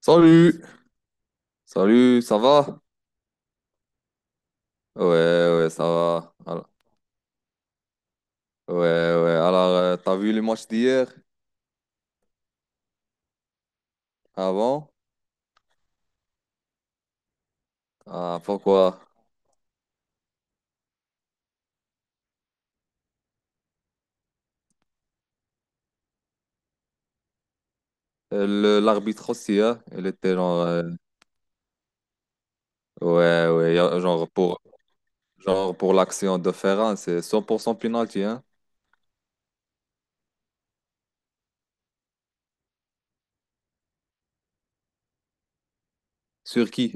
Salut! Salut, ça va? Ouais, ouais, ça va. Ouais, ouais. Alors, t'as vu les matchs d'hier avant? Ah, pourquoi? L'arbitre aussi, hein? Il était genre, ouais, ouais. Genre pour l'action de Ferran, c'est 100% penalty, hein? Sur qui?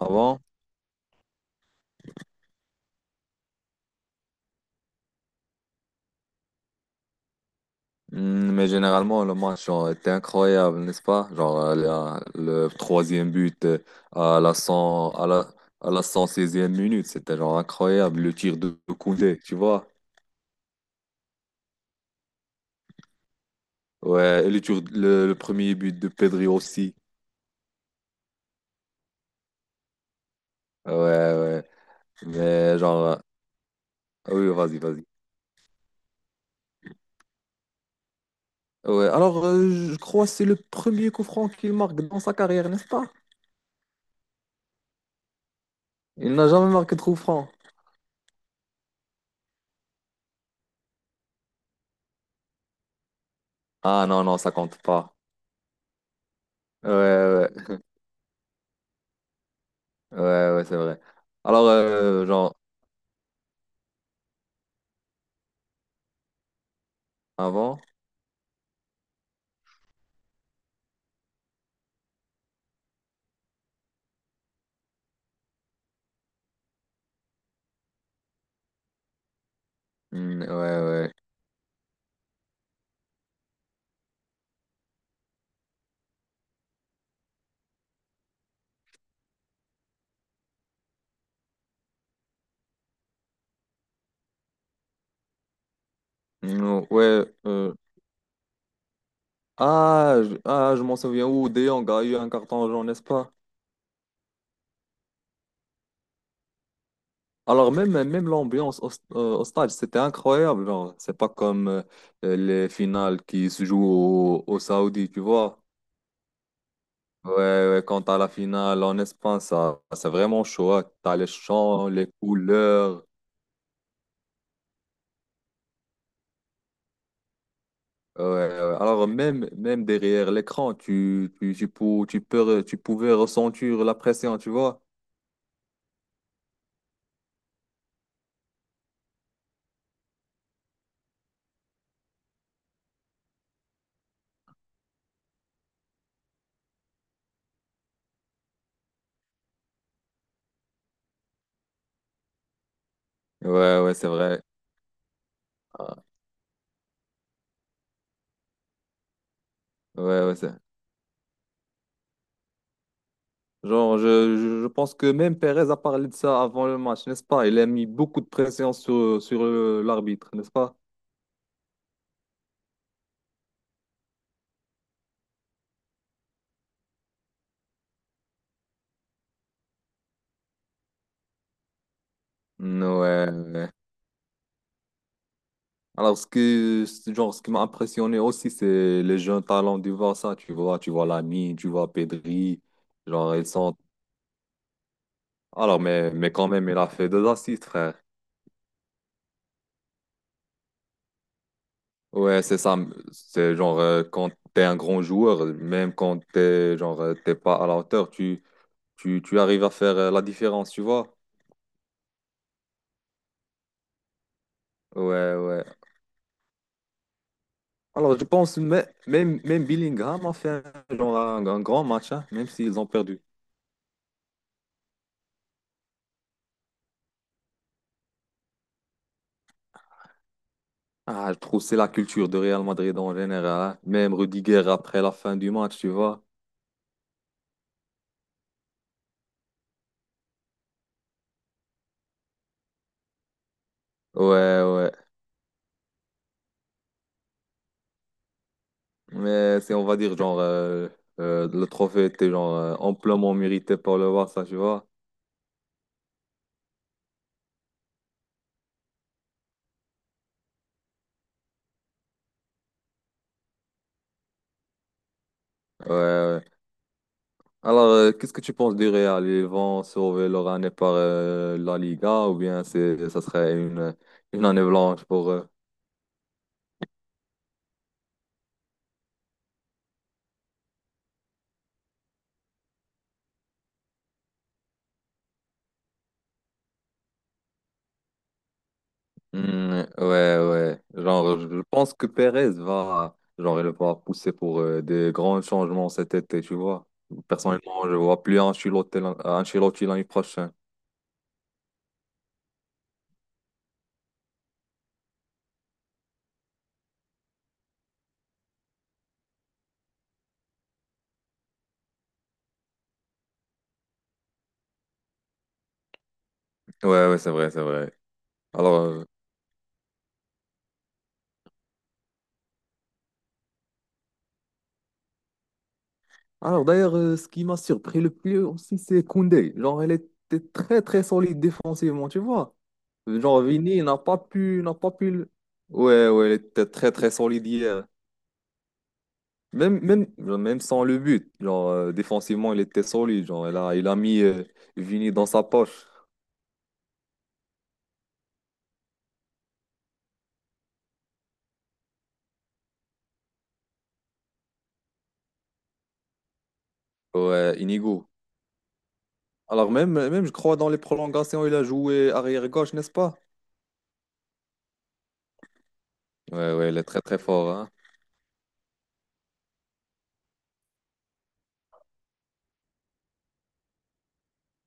Avant? Mais généralement, le match genre, était incroyable, n'est-ce pas? Genre, le troisième but à la 100 à la, à la 116e minute, c'était genre incroyable. Le tir de Koundé, tu vois? Ouais, et le premier but de Pedri aussi. Ouais, ouais. Mais genre, oui, vas-y, vas-y. Ouais, alors, je crois que c'est le premier coup franc qu'il marque dans sa carrière, n'est-ce pas? Il n'a jamais marqué de coup franc. Ah, non, non, ça compte pas. Ouais, ouais, ouais, ouais, c'est vrai. Alors, genre. Avant? Ouais, ouais. Ouais, ah, je m'en souviens où De Jong a eu un carton jaune, n'est-ce pas? Alors, même, même l'ambiance au stade, c'était incroyable, genre. C'est pas comme les finales qui se jouent au Saoudi, tu vois? Ouais, ouais, quand à la finale en Espagne, ça, c'est vraiment chaud, hein. T'as les chants, les couleurs. Ouais, ouais, ouais. Alors même, même derrière l'écran, tu pouvais ressentir la pression, tu vois? Ouais, ouais, c'est vrai. Ah, ouais, ouais, c'est... Genre, je pense que même Perez a parlé de ça avant le match, n'est-ce pas? Il a mis beaucoup de pression sur l'arbitre, n'est-ce pas? Mm, ouais, ouais. Alors, genre, ce qui m'a impressionné aussi, c'est les jeunes talents du Barça. Tu vois Lamine, tu vois Pedri. Genre, ils sont... Alors, mais quand même, il a fait deux assists, frère. Ouais, c'est ça. C'est genre, quand t'es un grand joueur, même quand t'es, genre, t'es pas à la hauteur, tu arrives à faire la différence, tu vois? Ouais, ouais. Alors, je pense même, même Bellingham a fait un, genre un grand match, hein, même s'ils ont perdu. Ah, je trouve que c'est la culture de Real Madrid en général, hein. Même Rudiger après la fin du match, tu vois. Ouais, ouais. Mais c'est, on va dire, genre, le trophée était genre amplement mérité par le Barça, tu vois. Ouais, ouais. Alors, qu'est-ce que tu penses du Real? Ils vont sauver leur année par la Liga ou bien c'est, ça serait une année blanche pour eux? Mm, ouais, ouais. Genre, je pense que Perez va, genre, il va pousser pour des grands changements cet été, tu vois. Personnellement, je vois plus Ancelotti l'année prochaine. Ouais, ouais, c'est vrai, c'est vrai. Alors, euh, alors, d'ailleurs, ce qui m'a surpris le plus aussi, c'est Koundé. Genre, elle était très, très solide défensivement, tu vois. Genre, Vini n'a pas pu. Ouais, ouais, elle était très, très solide hier. Même, même, genre, même sans le but, genre, défensivement, il était solide. Genre, il a mis Vini dans sa poche, ouais, Inigo. Alors, même, même, je crois, dans les prolongations, il a joué arrière-gauche, n'est-ce pas? Ouais, ouais, il est très, très fort, hein.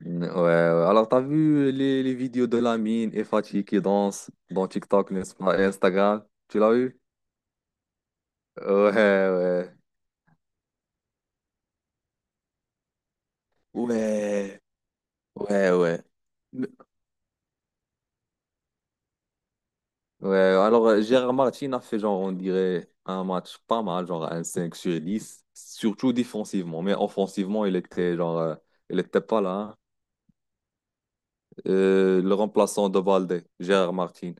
Mm, ouais, ouais. Alors, t'as vu les vidéos de Lamine et Fatih qui dansent dans TikTok, n'est-ce pas, et Instagram? Tu l'as vu? Ouais, ouais. Ouais, ouais, ouais. Ouais, alors Gérard Martin a fait genre, on dirait, un match pas mal, genre un 5/10 surtout défensivement, mais offensivement, il était pas là, hein. Le remplaçant de Balde, Gérard Martin.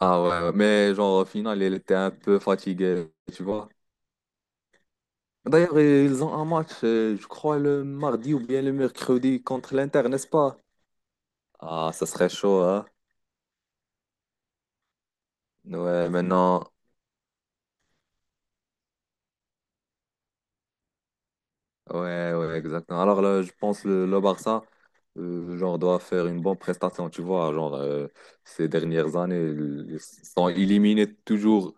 Ah ouais, ouais, mais genre au final, il était un peu fatigué, tu vois. D'ailleurs, ils ont un match, je crois, le mardi ou bien le mercredi contre l'Inter, n'est-ce pas? Ah, ça serait chaud, hein? Ouais, maintenant. Ouais, ouais, exactement. Alors là, je pense le Barça, genre, doit faire une bonne prestation, tu vois. Genre, ces dernières années, ils sont éliminés toujours.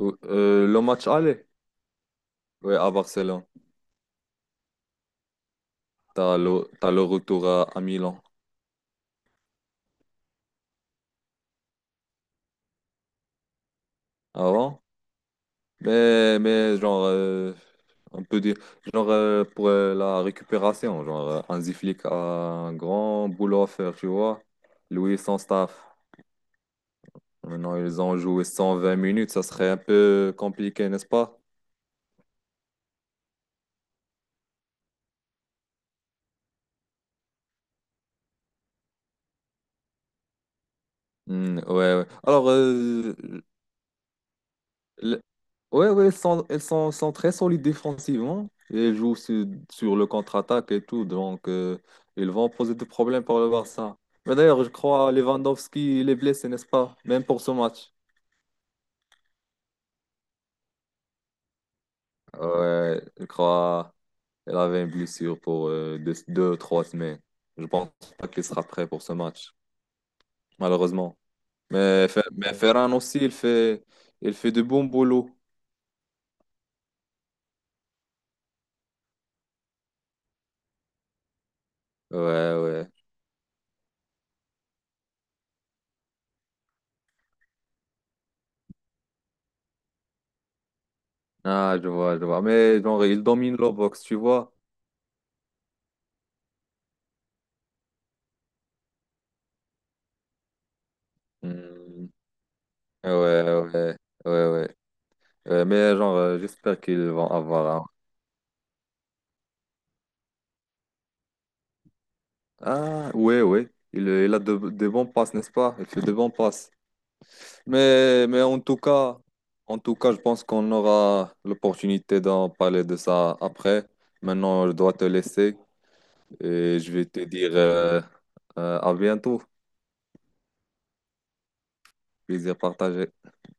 Le match aller, ouais, à Barcelone. T'as le retour à Milan avant. Mais genre, on peut dire, genre, pour la récupération, genre, Hansi Flick a un grand boulot à faire, tu vois. Lui et son staff. Non, ils ont joué 120 minutes, ça serait un peu compliqué, n'est-ce pas? Ouais, ouais. Alors, le- ouais, ouais, ils sont très solides défensivement. Et ils jouent sur le contre-attaque et tout, donc ils vont poser des problèmes pour le Barça. Mais d'ailleurs, je crois Lewandowski, il est blessé, n'est-ce pas? Même pour ce match. Ouais, je crois qu'il avait une blessure pour deux, deux, trois semaines. Je pense pas qu'il sera prêt pour ce match, malheureusement. Mais Ferran aussi, il fait de bons boulot. Ouais, ouais. Ah, je vois, je vois. Mais genre, il domine la boxe, tu vois. Hmm. Ouais, ouais, ouais, ouais. Ouais, mais genre, j'espère qu'ils vont avoir un... Ah, ouais, ouais. Il a de bons passes, n'est-ce pas? Il fait de bons passes. Mais en tout cas, je pense qu'on aura l'opportunité d'en parler de ça après. Maintenant, je dois te laisser et je vais te dire à bientôt. Plaisir partagé.